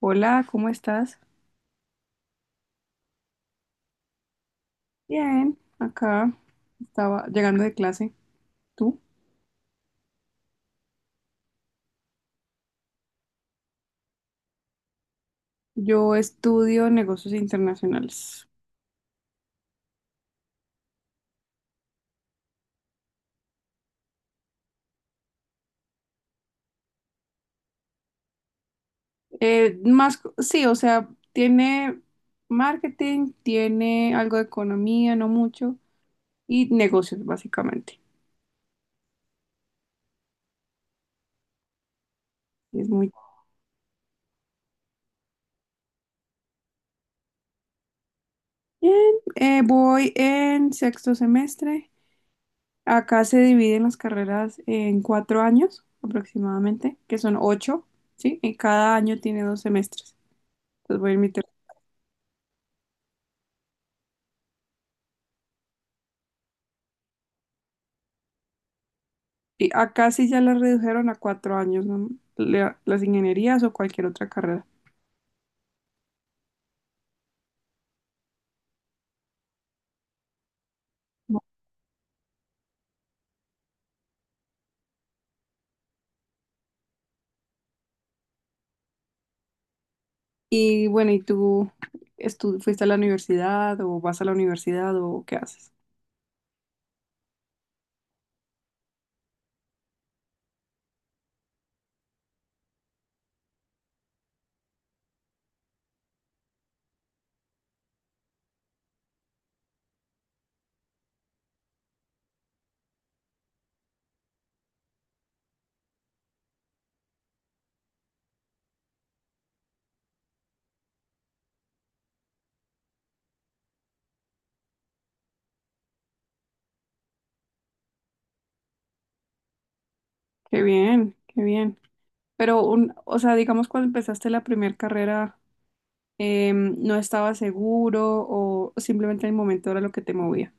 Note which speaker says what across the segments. Speaker 1: Hola, ¿cómo estás? Bien, acá estaba llegando de clase. ¿Tú? Yo estudio negocios internacionales. Más, sí, o sea, tiene marketing, tiene algo de economía, no mucho, y negocios, básicamente. Es muy bien. Voy en sexto semestre. Acá se dividen las carreras en 4 años aproximadamente, que son 8, ¿sí? Y cada año tiene 2 semestres. Entonces voy en mi. Y acá sí ya la redujeron a 4 años, ¿no? La- las ingenierías o cualquier otra carrera. Y bueno, ¿y tú fuiste a la universidad o vas a la universidad o qué haces? Qué bien, qué bien. Pero, un, o sea, digamos cuando empezaste la primera carrera, ¿no estabas seguro o simplemente el momento era lo que te movía?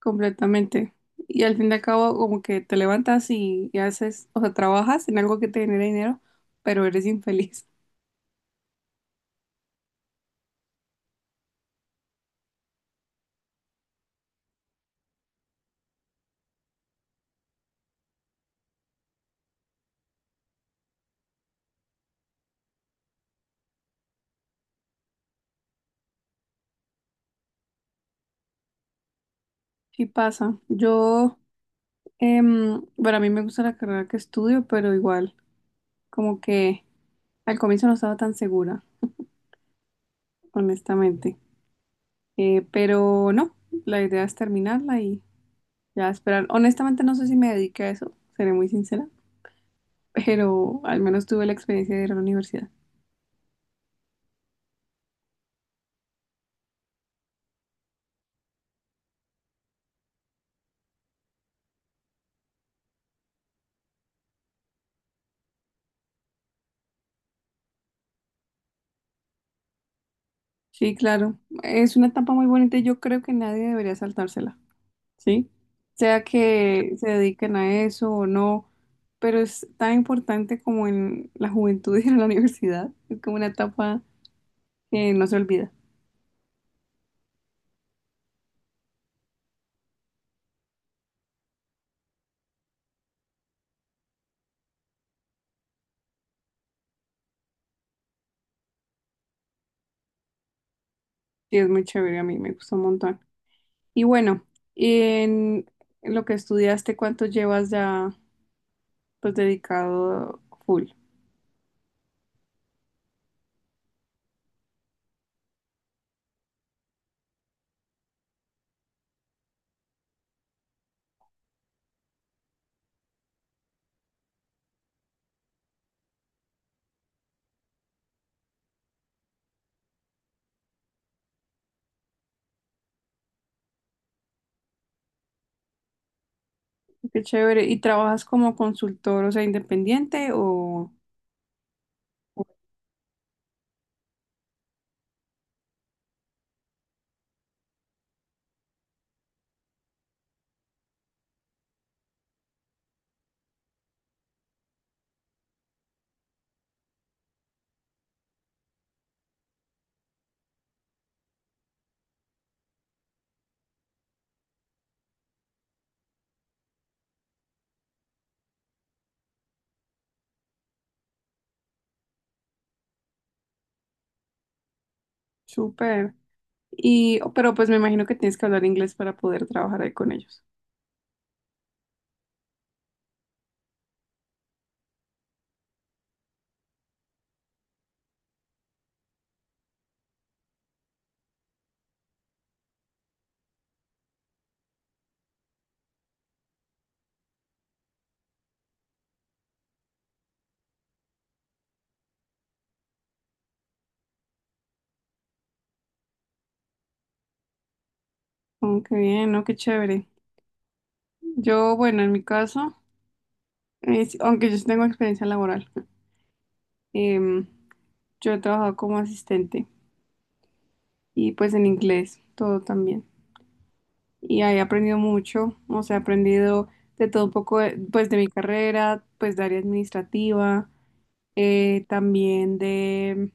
Speaker 1: Completamente. Y al fin y al cabo, como que te levantas y haces, o sea, trabajas en algo que te genera dinero, pero eres infeliz. Sí pasa. Yo, bueno, a mí me gusta la carrera que estudio, pero igual, como que al comienzo no estaba tan segura, honestamente. Pero no, la idea es terminarla y ya esperar. Honestamente no sé si me dediqué a eso, seré muy sincera, pero al menos tuve la experiencia de ir a la universidad. Sí, claro, es una etapa muy bonita y yo creo que nadie debería saltársela. ¿Sí? Sea que se dediquen a eso o no, pero es tan importante como en la juventud y en la universidad. Es como una etapa que no se olvida. Y es muy chévere, a mí me gustó un montón. Y bueno, en lo que estudiaste, ¿cuánto llevas ya pues dedicado full? Qué chévere. ¿Y trabajas como consultor, o sea, independiente o súper? Y, pero pues me imagino que tienes que hablar inglés para poder trabajar ahí con ellos. Oh, qué bien, ¿no? Qué chévere. Yo, bueno, en mi caso, aunque yo sí tengo experiencia laboral, em, yo he trabajado como asistente y pues en inglés, todo también. Y ahí he aprendido mucho, o sea, he aprendido de todo un poco, pues de mi carrera, pues de área administrativa, también de,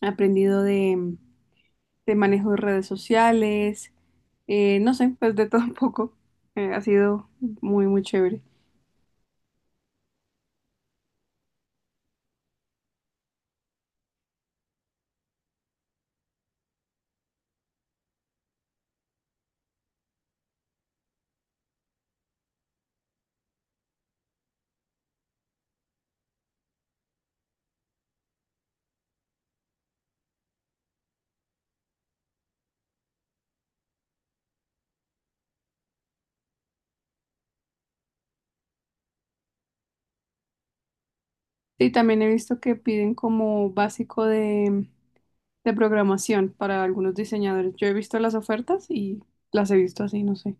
Speaker 1: he aprendido de manejo de redes sociales, no sé, pues de todo un poco. Ha sido muy, muy chévere. Y también he visto que piden como básico de programación para algunos diseñadores. Yo he visto las ofertas y las he visto así, no sé.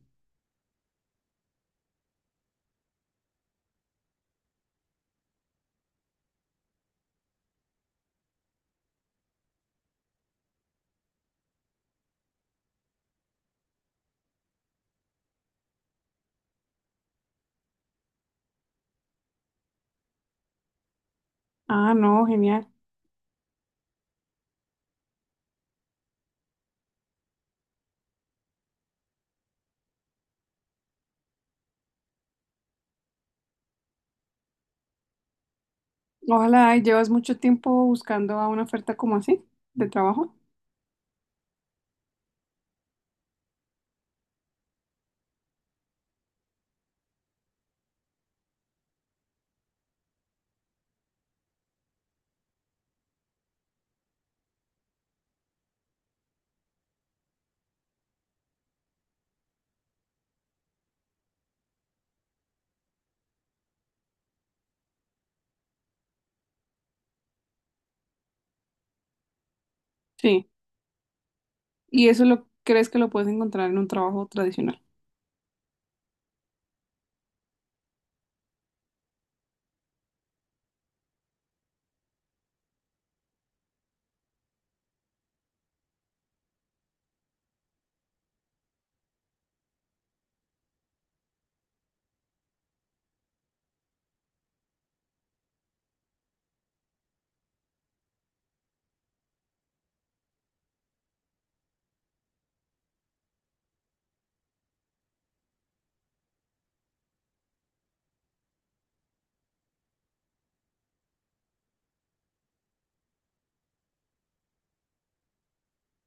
Speaker 1: Ah, no, genial. Ojalá, y llevas mucho tiempo buscando a una oferta como así, de trabajo. Sí. Y eso lo crees que lo puedes encontrar en un trabajo tradicional.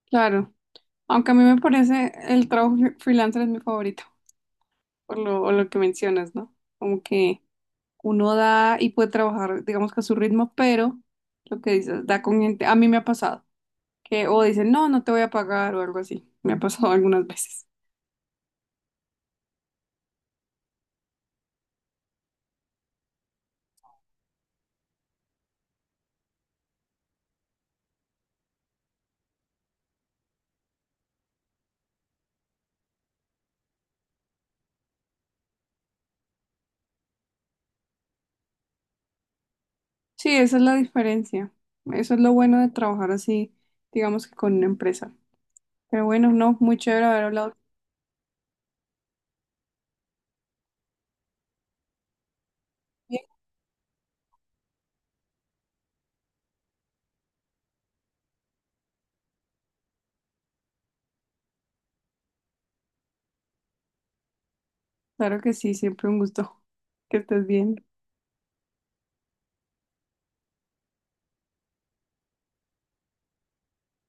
Speaker 1: Claro. Aunque a mí me parece el trabajo freelancer es mi favorito, por lo, o lo que mencionas, ¿no? Como que uno da y puede trabajar, digamos que a su ritmo, pero lo que dices, da con gente. A mí me ha pasado, que o dicen, no, no te voy a pagar o algo así. Me ha pasado algunas veces. Sí, esa es la diferencia. Eso es lo bueno de trabajar así, digamos que con una empresa. Pero bueno, no, muy chévere haber hablado contigo. Claro que sí, siempre un gusto. Que estés bien.